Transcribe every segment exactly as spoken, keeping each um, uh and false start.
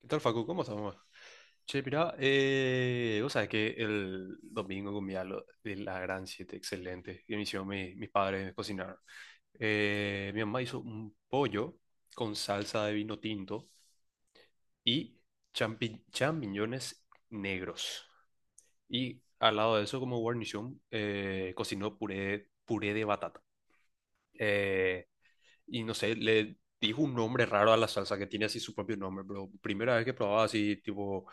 ¿Qué tal, Facu? ¿Cómo estás, mamá? Che, mirá, eh, vos sabés que el domingo comí algo de la Gran siete excelente, que me hicieron mi- mis padres me cocinaron. Eh, mi mamá hizo un pollo con salsa de vino tinto y champi- champiñones negros. Y al lado de eso, como guarnición, eh, cocinó puré, puré de batata. Eh, y no sé, le dijo un nombre raro a la salsa que tiene así su propio nombre, pero primera vez que probaba así tipo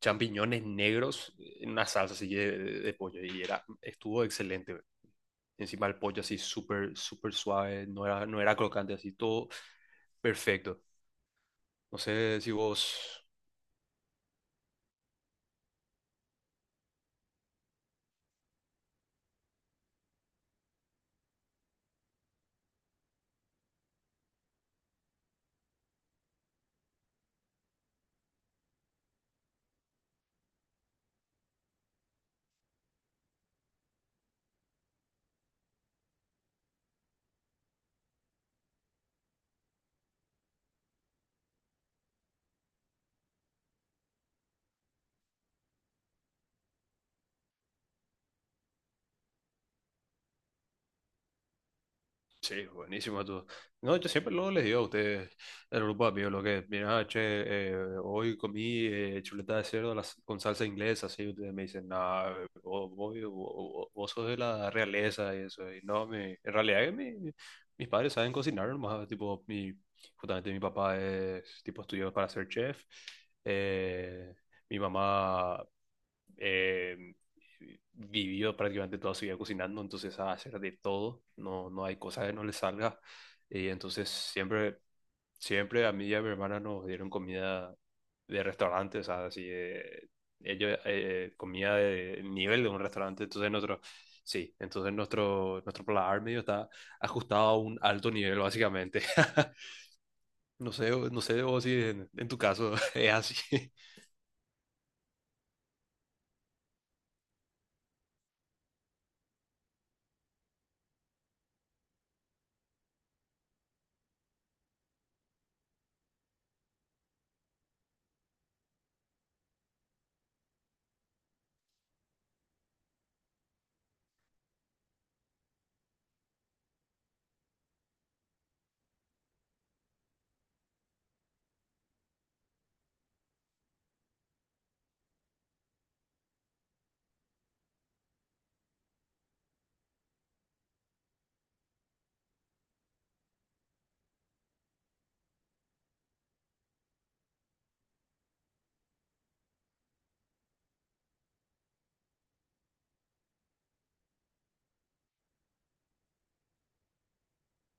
champiñones negros en una salsa así de, de pollo y era, estuvo excelente, bro. Encima el pollo así súper, súper suave, no era, no era crocante, así todo perfecto. No sé si vos. Sí, buenísimo todo. No, yo siempre luego les digo a ustedes, el grupo de amigos, lo que, mira, che, eh, hoy comí eh, chuleta de cerdo a la s- con salsa inglesa, así ustedes me dicen, no, vos, vos, vos- vos sos de la realeza y eso, y no, mi- en realidad que mi- mis padres saben cocinar nomás, tipo, mi, justamente mi papá es, tipo, estudió para ser chef, eh, mi mamá eh, vivió prácticamente toda su vida cocinando, entonces sabe hacer de todo, no, no hay cosa que no le salga. Y entonces siempre, siempre a mí y a mi hermana nos dieron comida de restaurantes, o sea, así de- ellos eh, comida de nivel de un restaurante, entonces nosotros, sí, entonces nuestro, nuestro paladar medio está ajustado a un alto nivel, básicamente. No sé, no sé vos si en, en tu caso es así.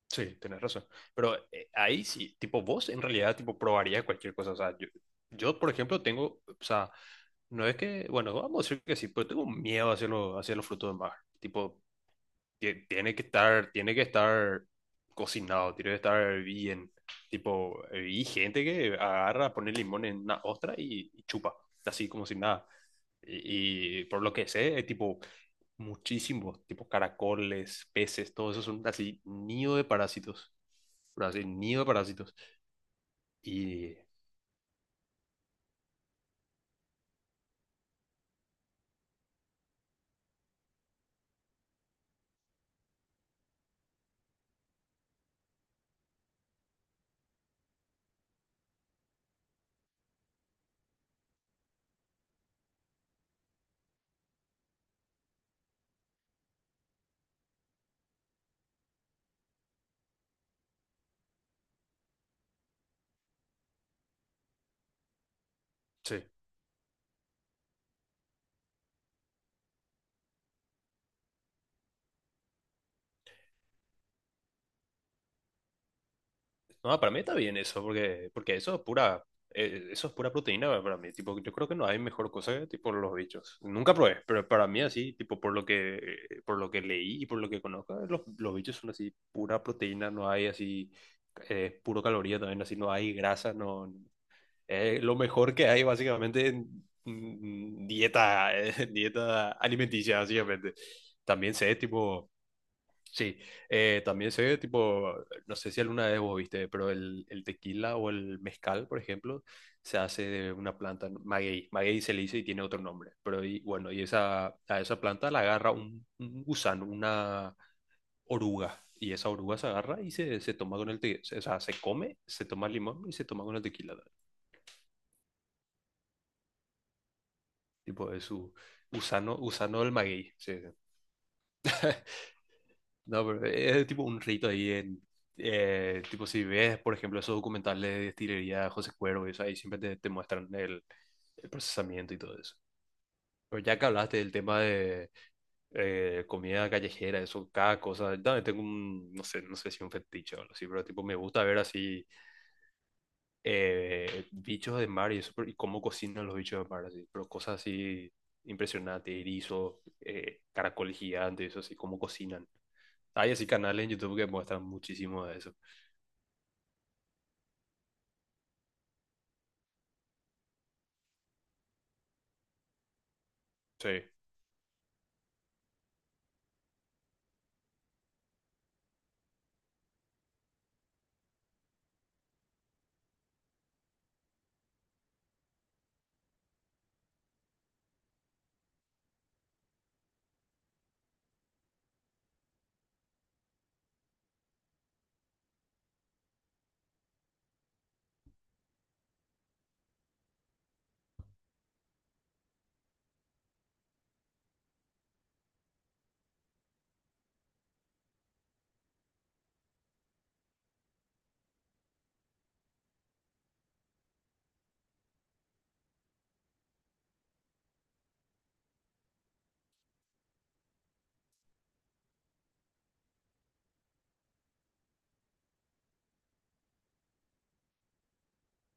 Sí, tienes razón. Pero eh, ahí sí, tipo, vos en realidad, tipo, probarías cualquier cosa. O sea, yo, yo, por ejemplo, tengo, o sea, no es que, bueno, vamos a decir que sí, pero tengo miedo hacia, lo- hacia los frutos del mar. Tipo, tie- tiene que estar, tiene que estar cocinado, tiene que estar bien. Tipo, y gente que agarra, pone limón en una ostra y, y chupa, así como si nada. Y, y por lo que sé, eh, tipo, muchísimos, tipo caracoles, peces, todo eso son así nido de parásitos. Pero así, nido de parásitos. Y sí, no, para mí está bien eso, porque, porque eso es pura, eh, eso es pura proteína para mí. Tipo, yo creo que no hay mejor cosa que tipo los bichos. Nunca probé, pero para mí así, tipo por lo que, eh, por lo que leí y por lo que conozco, los, los bichos son así pura proteína, no hay así eh, puro caloría también, así no hay grasa, no, eh, lo mejor que hay básicamente en mm, mm, dieta, eh, dieta alimenticia, básicamente. También sé, tipo, sí, eh, también sé, tipo, no sé si alguna vez vos viste, pero el, el tequila o el mezcal, por ejemplo, se hace de una planta, ¿no? Maguey, maguey se le dice y tiene otro nombre, pero y, bueno, y esa, a esa planta la agarra un, un gusano, una oruga. Y esa oruga se agarra y se, se toma con el tequila, o sea, se come, se toma el limón y se toma con el tequila. Tipo de su Usano, Usano el Maguey. Sí, sí. No, pero es tipo un rito ahí en. Eh, tipo, si ves, por ejemplo, esos documentales de destilería de José Cuervo, y eso, ahí siempre te, te muestran el, el procesamiento y todo eso. Pero ya que hablaste del tema de eh, comida callejera, eso, cada cosa, yo también tengo un, no sé, no sé si un fetiche o algo así, pero tipo, me gusta ver así eh, bichos de mar y eso, pero- y cómo cocinan los bichos de mar, así, pero cosas así impresionantes, erizos, eh, caracoles gigantes, eso así, cómo cocinan. Hay así canales en YouTube que muestran muchísimo de eso. Sí.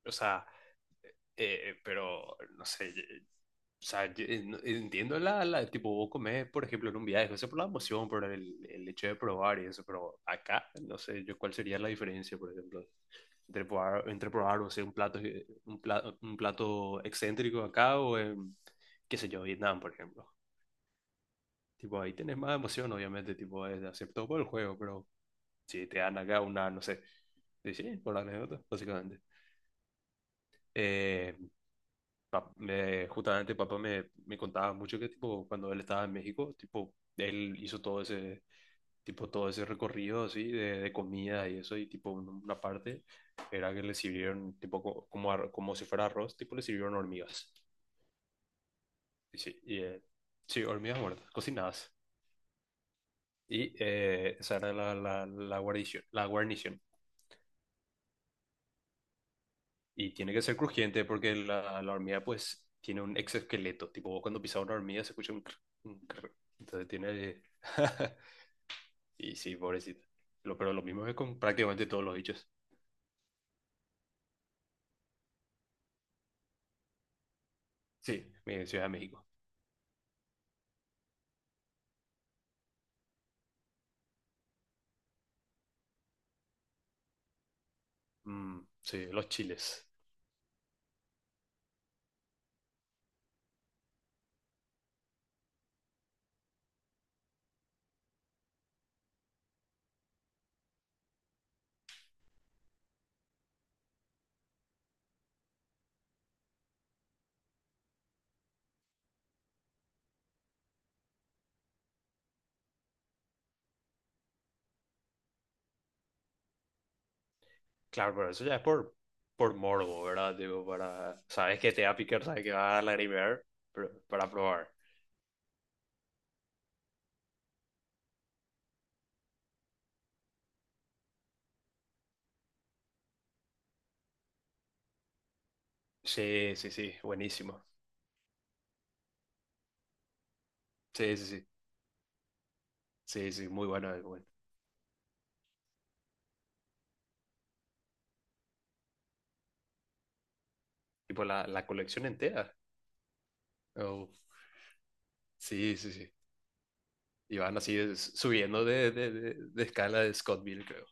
O sea, Eh, pero, no sé, yo- o sea, yo en- entiendo la, la, tipo, vos comés, por ejemplo, en un viaje, eso por la emoción, por el, el hecho de probar y eso, pero acá, no sé, yo cuál sería la diferencia, por ejemplo, entre probar, entre probar, no sé, un plato, eh, un plato, un plato excéntrico acá o en, qué sé yo, Vietnam, por ejemplo. Tipo, ahí tenés más emoción, obviamente, tipo, es hacer todo por el juego, pero si te dan acá una, no sé, sí, sí, por la anécdota, básicamente. Eh, pap- me- justamente papá me, me contaba mucho que tipo cuando él estaba en México, tipo él hizo todo ese tipo todo ese recorrido así de, de comida y eso y tipo un- una parte era que le sirvieron tipo co- como ar- como si fuera arroz, tipo le sirvieron hormigas. Y sí, y, eh, sí, hormigas muertas, cocinadas. Y eh, esa era la, la, la guarnición, la guarnición. Y tiene que ser crujiente porque la, la hormiga pues tiene un exoesqueleto. Tipo, vos cuando pisas una hormiga se escucha un, cr- un cr-. Entonces tiene... Y sí, pobrecita. Lo, pero lo mismo es con prácticamente todos los bichos. Sí, mi Ciudad de México. Mm, sí, los chiles. Claro, pero eso ya es por, por morbo, ¿verdad? Tipo, para... Sabes que te va a picar, sabes que va a lagrimear, pero para probar. Sí, sí, sí, buenísimo. Sí, sí, sí. Sí, sí, muy bueno, muy bueno. Tipo la, la colección entera. Oh, sí, sí, sí. Y van así subiendo de, de- de- de escala de Scottville, creo.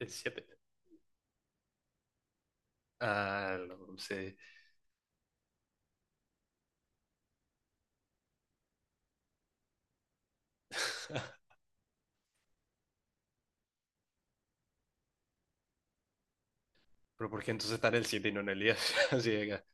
El siete. Ah, no sé. Pero ¿por qué entonces está en el siete y no en el diez? Así de que,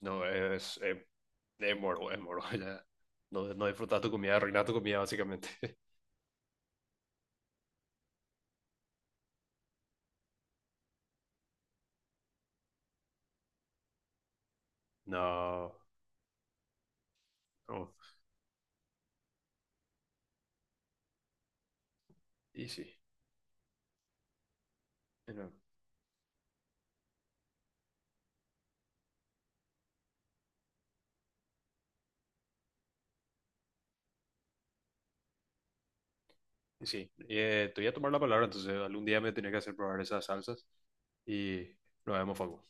no, es, es, es moro, es moro, ya. No, no disfrutas tu comida, arruinas tu comida, básicamente. No, no. Y sí. No. Sí, eh, te voy a tomar la palabra, entonces algún día me tenía que hacer probar esas salsas y lo vemos, Facu.